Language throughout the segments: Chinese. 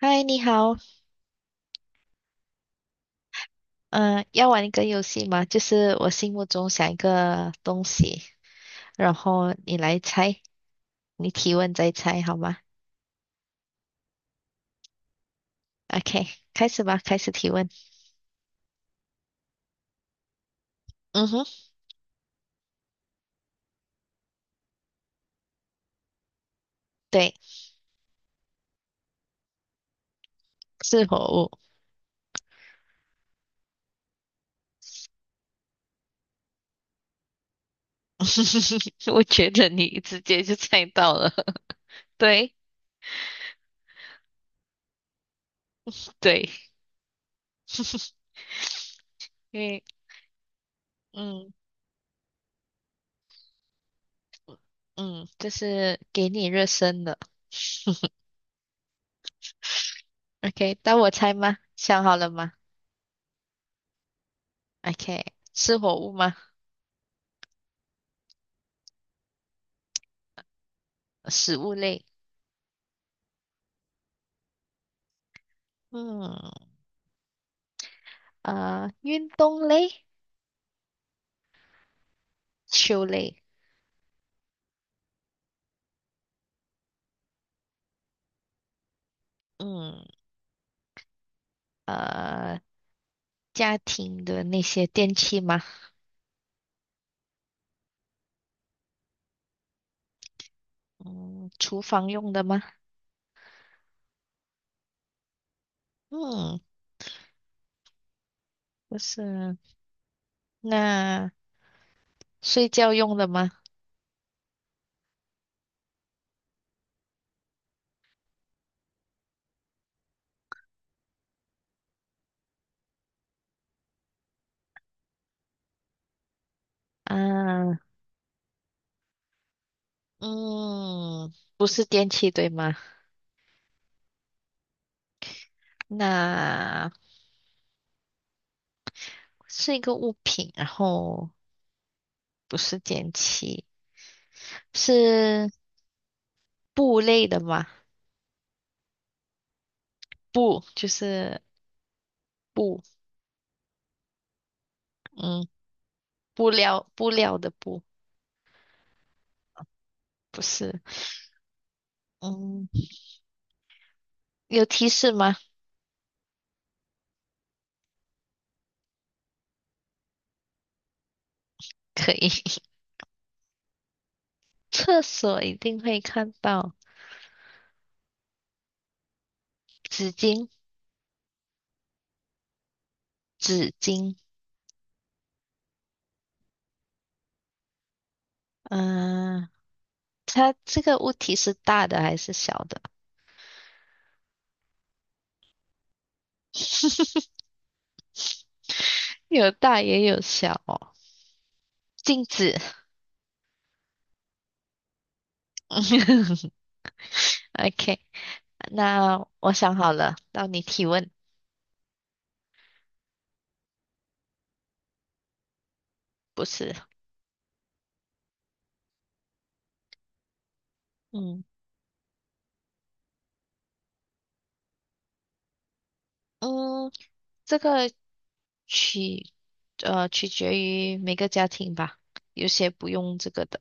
嗨，你好，嗯、要玩一个游戏吗？就是我心目中想一个东西，然后你来猜，你提问再猜，好吗？OK，开始吧，开始提问。嗯哼，对，是活物。我觉得你直接就猜到了，对对，因为嗯嗯，就是给你热身的。OK，当我猜吗？想好了吗？OK，是活物吗？食物类。嗯运动类、球类，嗯呃，家庭的那些电器吗？嗯，厨房用的吗？嗯不是，那睡觉用的吗？啊，嗯，不是电器对吗？那是一个物品，然后不是电器，是布类的吗？布就是布，嗯，布料布料的布，不是，嗯。有提示吗？可以，厕所一定会看到纸巾，纸巾。嗯、它这个物体是大的还是小的？有大也有小哦。镜子。OK，那我想好了，到你提问。不是，嗯嗯，这个取取决于每个家庭吧，有些不用这个的。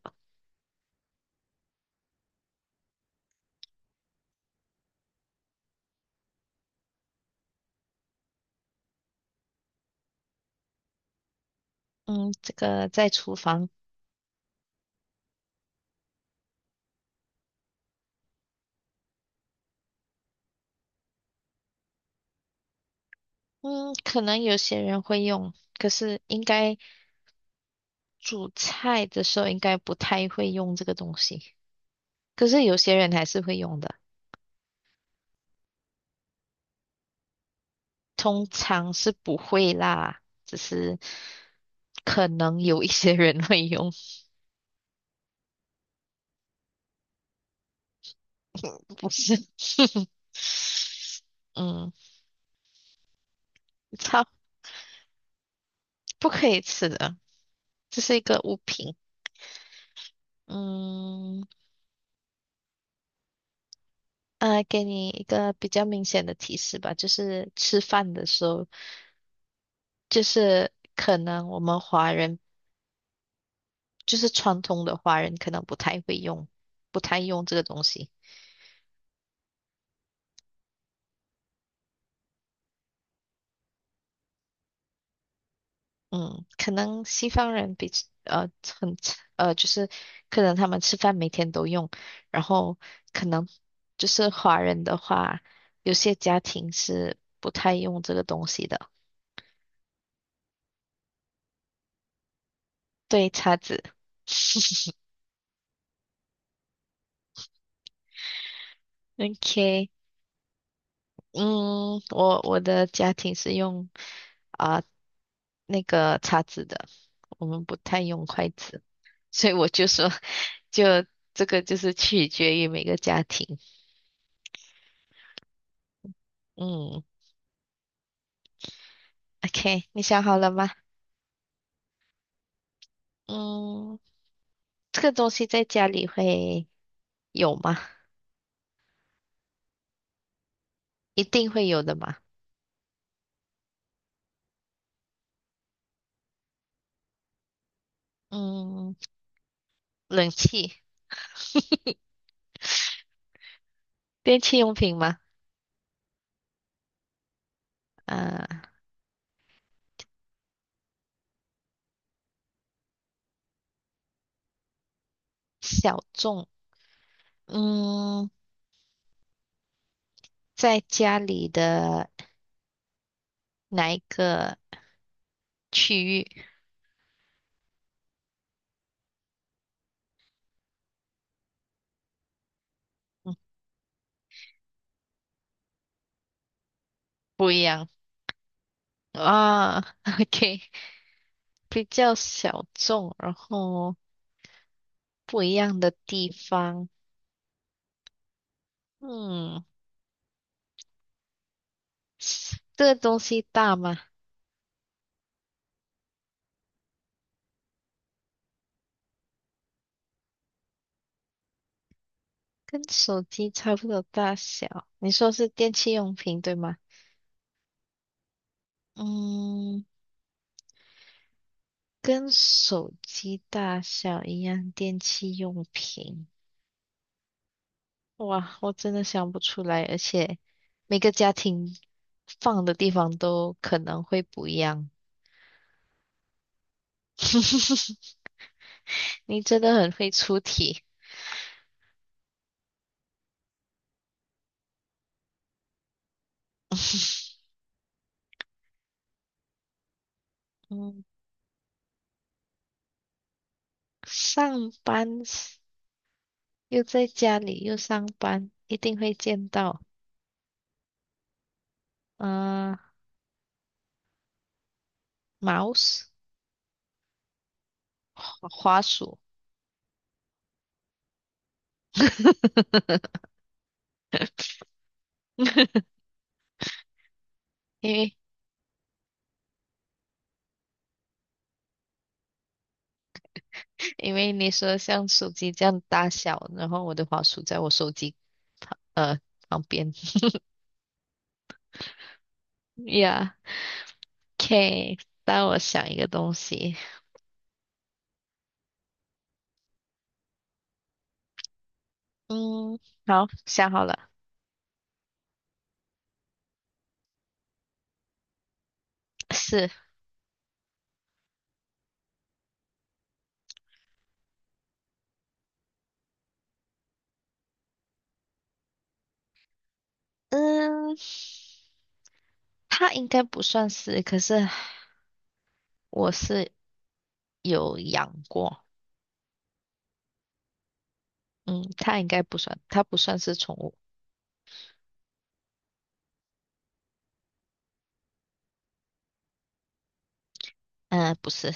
嗯，这个在厨房，嗯，可能有些人会用，可是应该煮菜的时候应该不太会用这个东西。可是有些人还是会用的，通常是不会啦，只是可能有一些人会用，不是。嗯，操，不可以吃的，这是一个物品。嗯，给你一个比较明显的提示吧，就是吃饭的时候，就是。可能我们华人。就是传统的华人可能不太会用，不太用这个东西。嗯，可能西方人比呃很就是可能他们吃饭每天都用，然后可能就是华人的话，有些家庭是不太用这个东西的。对，叉子。OK，嗯，我的家庭是用啊、那个叉子的，我们不太用筷子。所以我就说，就这个就是取决于每个家庭。嗯，OK，你想好了吗？嗯，这个东西在家里会有吗？一定会有的嘛。嗯，冷气、电器用品吗？啊，小众。嗯，在家里的哪一个区域？嗯，不一样啊。OK，比较小众，然后不一样的地方。嗯。这个东西大吗？跟手机差不多大小。你说是电器用品，对吗？嗯，跟手机大小一样，电器用品。哇，我真的想不出来，而且每个家庭放的地方都可能会不一样。你真的很会出题。嗯，上班时又在家里又上班，一定会见到。嗯、呃，mouse 花花鼠，因为因为你说像手机这样大小，然后我的花鼠在我手机呃旁边。Yeah，OK，让我想一个东西。嗯，好，想好了，是，嗯，它应该不算是，可是我是有养过。嗯，它应该不算，它不算是宠物。嗯、不是，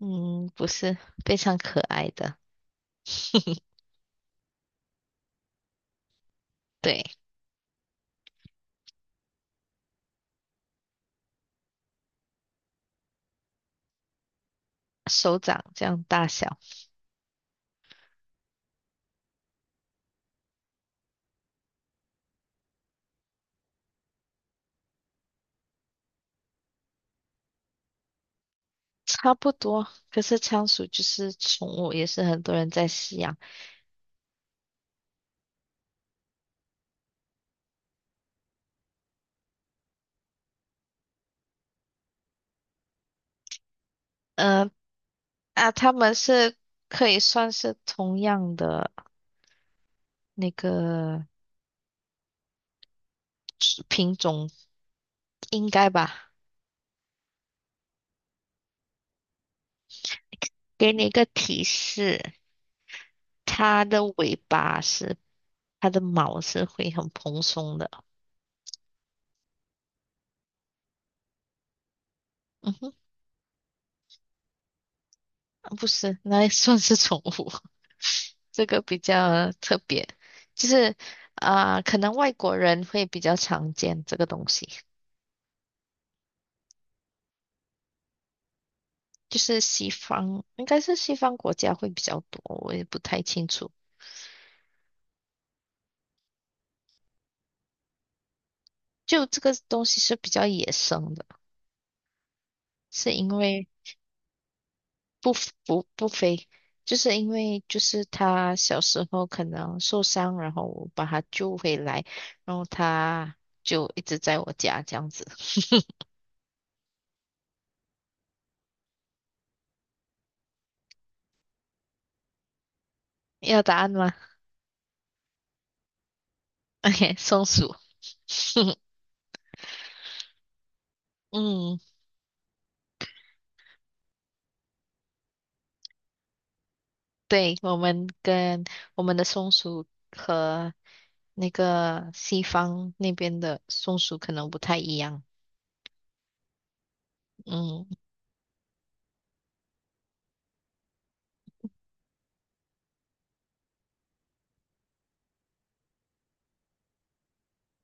嗯，不是，非常可爱的。对。手掌这样大小，差不多。可是仓鼠就是宠物，也是很多人在饲养。嗯、它们是可以算是同样的那个品种，应该吧？给你一个提示，它的尾巴是，它的毛是会很蓬松的。嗯哼，不是，那也算是宠物。这个比较特别，就是可能外国人会比较常见这个东西。就是西方，应该是西方国家会比较多，我也不太清楚。就这个东西是比较野生的，是因为不不飞，就是因为就是他小时候可能受伤，然后我把他救回来，然后他就一直在我家这样子。要答案吗？OK，松鼠。嗯，对，我们跟我们的松鼠和那个西方那边的松鼠可能不太一样。嗯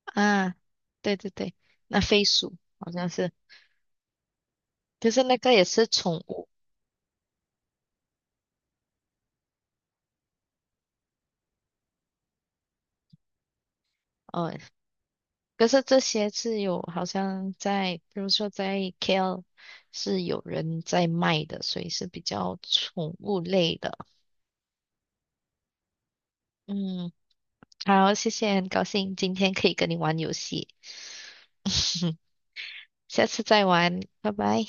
啊，对对对，那飞鼠好像是，可是那个也是宠物，哦。可是这些是有好像在，比如说在 KL 是有人在卖的，所以是比较宠物类的。嗯，好，谢谢，很高兴今天可以跟你玩游戏，下次再玩，拜拜。